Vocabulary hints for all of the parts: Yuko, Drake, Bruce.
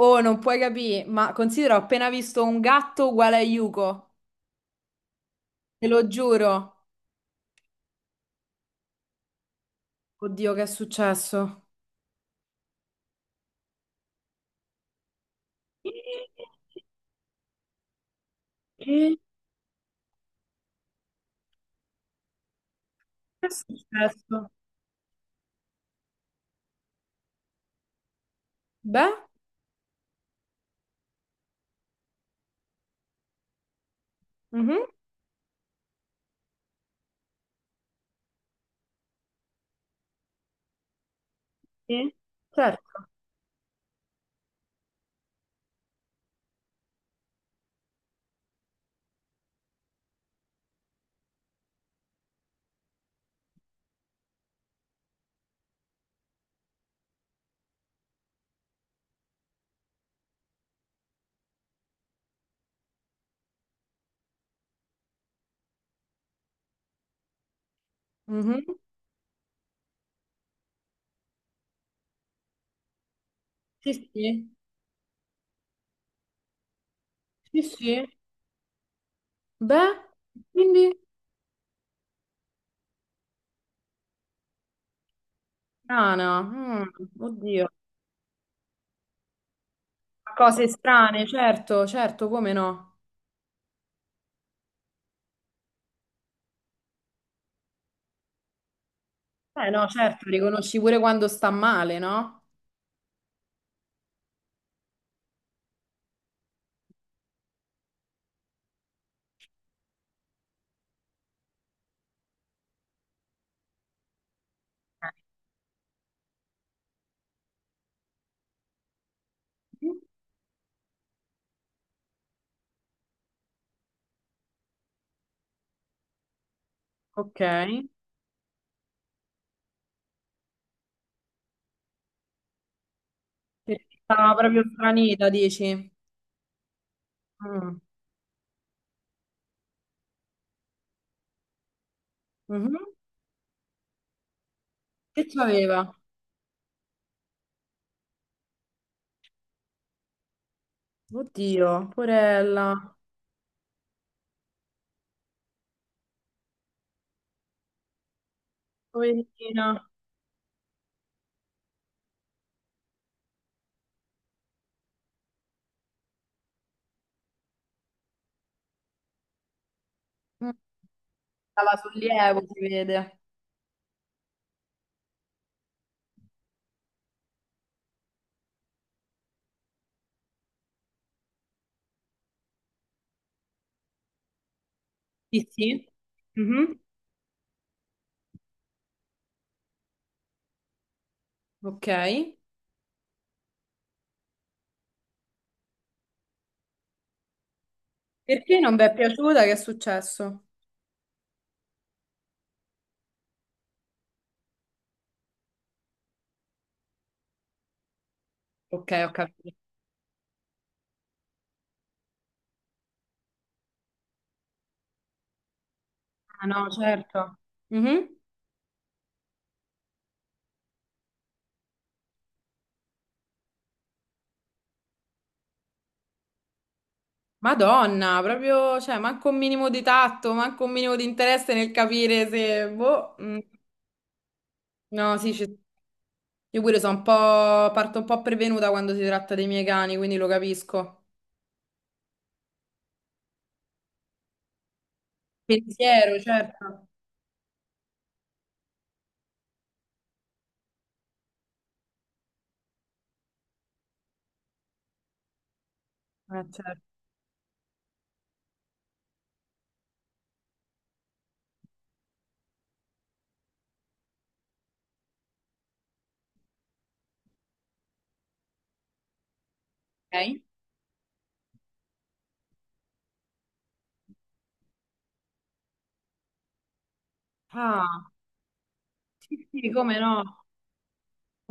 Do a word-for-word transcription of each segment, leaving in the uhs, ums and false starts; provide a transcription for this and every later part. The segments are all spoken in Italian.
Oh, non puoi capire, ma considera, ho appena visto un gatto uguale a Yuko, te lo giuro. Oddio, che è successo? Che che è successo? Beh, mhm, Sì, certo. Mhm, Sì, sì, sì, sì. Beh, quindi strana, mm, oddio. Cose strane, certo, certo, come no? Eh no, certo. Riconosci pure quando sta male, no? Ok. Perché stava proprio stranita, dici? Mm, mhm. Che c'aveva? Oddio, porella. Poverina. Mm, Stava sollievo, si vede. Sì, sì. Mhm. Ok. Perché non vi è piaciuta? Che è successo? Ok, ho capito. Ah no, certo. Mhm. Madonna, proprio, cioè, manco un minimo di tatto, manco un minimo di interesse nel capire se, boh, mm, no, sì, ci- io pure sono un po', parto un po' prevenuta quando si tratta dei miei cani, quindi lo capisco. Pensiero, certo. Eh, certo. Ok? Ah, sì, sì, come no?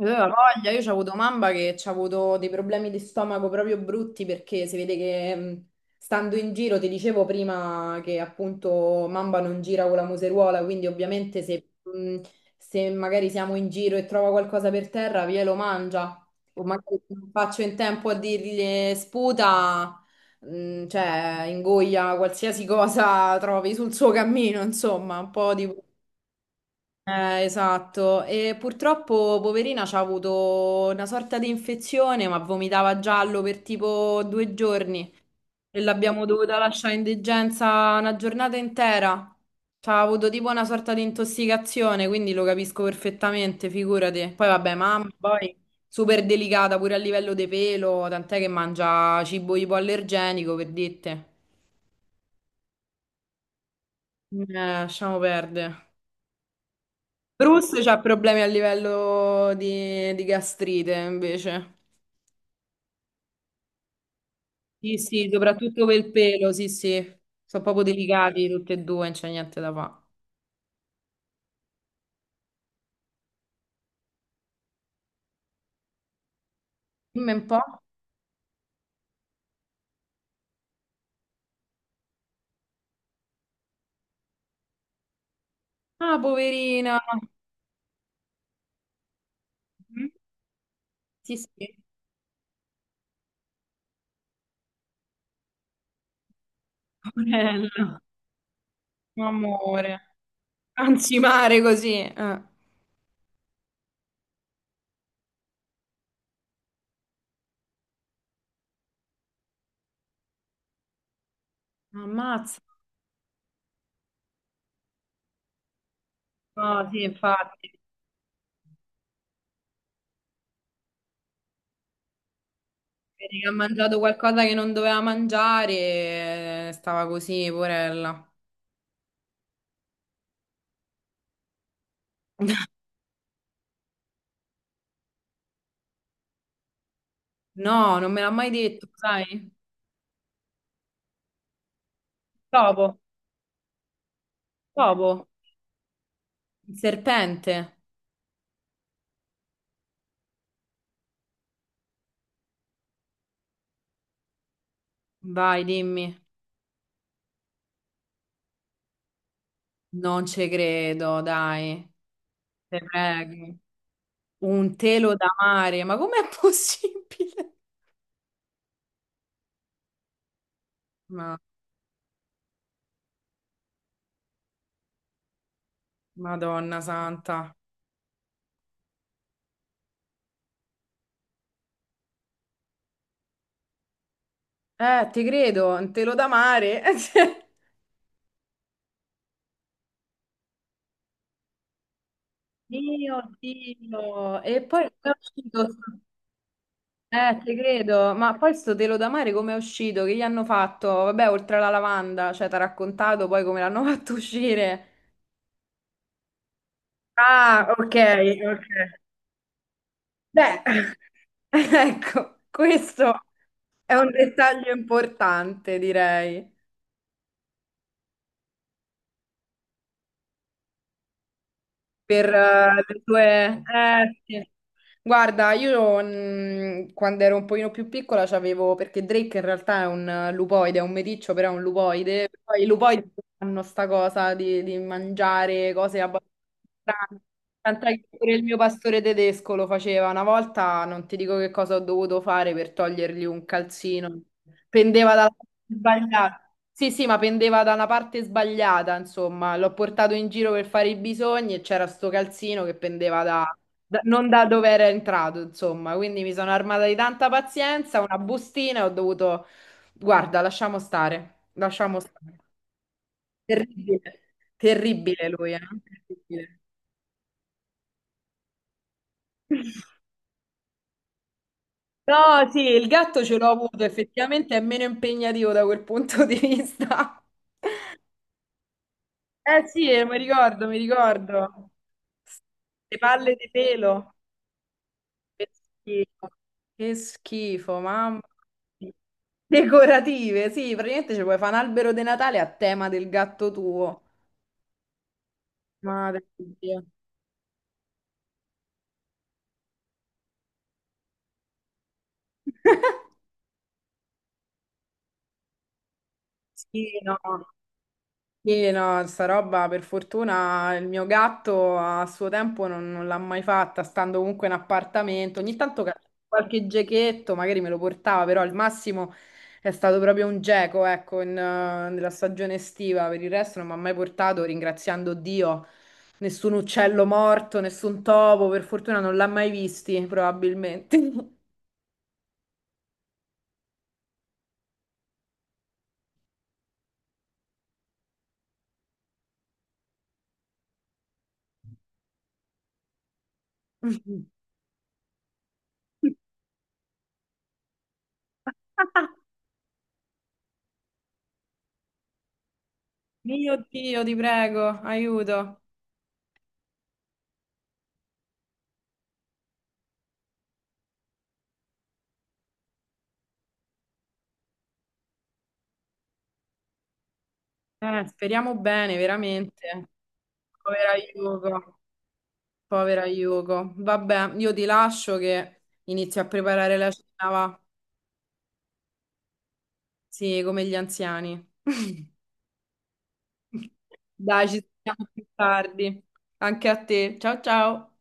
Aveva voglia, io ci ho avuto mamma che ci ha avuto dei problemi di stomaco proprio brutti perché si vede che mh, stando in giro, ti dicevo prima che appunto mamma non gira con la museruola, quindi ovviamente se, mh, se magari siamo in giro e trova qualcosa per terra, via lo mangia. O magari non faccio in tempo a dirgli eh, sputa, mh, cioè ingoia qualsiasi cosa trovi sul suo cammino, insomma, un po' di. Eh, esatto, e purtroppo poverina c'ha avuto una sorta di infezione, ma vomitava giallo per tipo due giorni e l'abbiamo dovuta lasciare in degenza una giornata intera. C'ha avuto tipo una sorta di intossicazione, quindi lo capisco perfettamente, figurati. Poi vabbè, mamma, poi super delicata pure a livello di pelo, tant'è che mangia cibo ipoallergenico per dite. Eh, lasciamo perdere. Bruce c'ha problemi a livello di, di gastrite, invece. Sì, sì, soprattutto per il pelo, sì, sì. Sono proprio delicati tutti e due, non c'è niente da fare. Dimmi un po'. Ah, poverina. Mm? Sì, sì. Poverella. Amore. Anzi, mare così. Eh. Ammazza. No, sì, infatti. Vedi che ha mangiato qualcosa che non doveva mangiare e stava così, poverella. No, non me l'ha mai detto, sai? Dopo, dopo. Il serpente? Vai, dimmi. Non ci credo, dai. Te prego. Un telo da mare, ma com'è possibile? Ma, Madonna santa. Eh, ti credo, un telo da mare. Dio, Dio. E poi come è uscito? sto- Eh, ti credo. Ma poi sto telo da mare come è uscito? Che gli hanno fatto? Vabbè, oltre alla lavanda, cioè, ti ha raccontato poi come l'hanno fatto uscire. Ah, ok, ok. Beh, ecco, questo è un dettaglio importante, direi, per eh, le tue. Eh, sì. Guarda, io mh, quando ero un pochino più piccola c'avevo, perché Drake in realtà è un lupoide, è un meticcio, però è un lupoide. Poi i lupoidi hanno sta cosa di, di mangiare cose abbastanza strane. Tant'è che pure il mio pastore tedesco lo faceva una volta, non ti dico che cosa ho dovuto fare per togliergli un calzino. Pendeva dalla parte sbagliata. Sì, sì, ma pendeva da una parte sbagliata, insomma. L'ho portato in giro per fare i bisogni e c'era sto calzino che pendeva da da- non da dove era entrato, insomma. Quindi mi sono armata di tanta pazienza, una bustina e ho dovuto. Guarda, lasciamo stare, lasciamo stare. Terribile, terribile lui, eh? Terribile. No, sì, il gatto ce l'ho avuto, effettivamente è meno impegnativo da quel punto di vista. Eh sì, eh, mi ricordo, mi ricordo. Le palle di pelo. Che schifo, che schifo, mamma mia. Decorative, sì, praticamente ci puoi fare un albero di Natale a tema del gatto tuo. Madre mia. Sì, no. Sì, no, sta roba per fortuna il mio gatto a suo tempo non, non l'ha mai fatta, stando comunque in appartamento. Ogni tanto ca- qualche gechetto magari me lo portava, però al massimo è stato proprio un geco, ecco, in, eh, nella stagione estiva. Per il resto non mi ha mai portato, ringraziando Dio, nessun uccello morto, nessun topo, per fortuna non l'ha mai visti, probabilmente. Mio Dio, ti prego, aiuto. Eh, speriamo bene, veramente. Povera Yuko, povera Yuko. Vabbè, io ti lascio che inizio a preparare la cena, va. Sì, come gli anziani. Dai, ci sentiamo più tardi. Anche a te. Ciao ciao.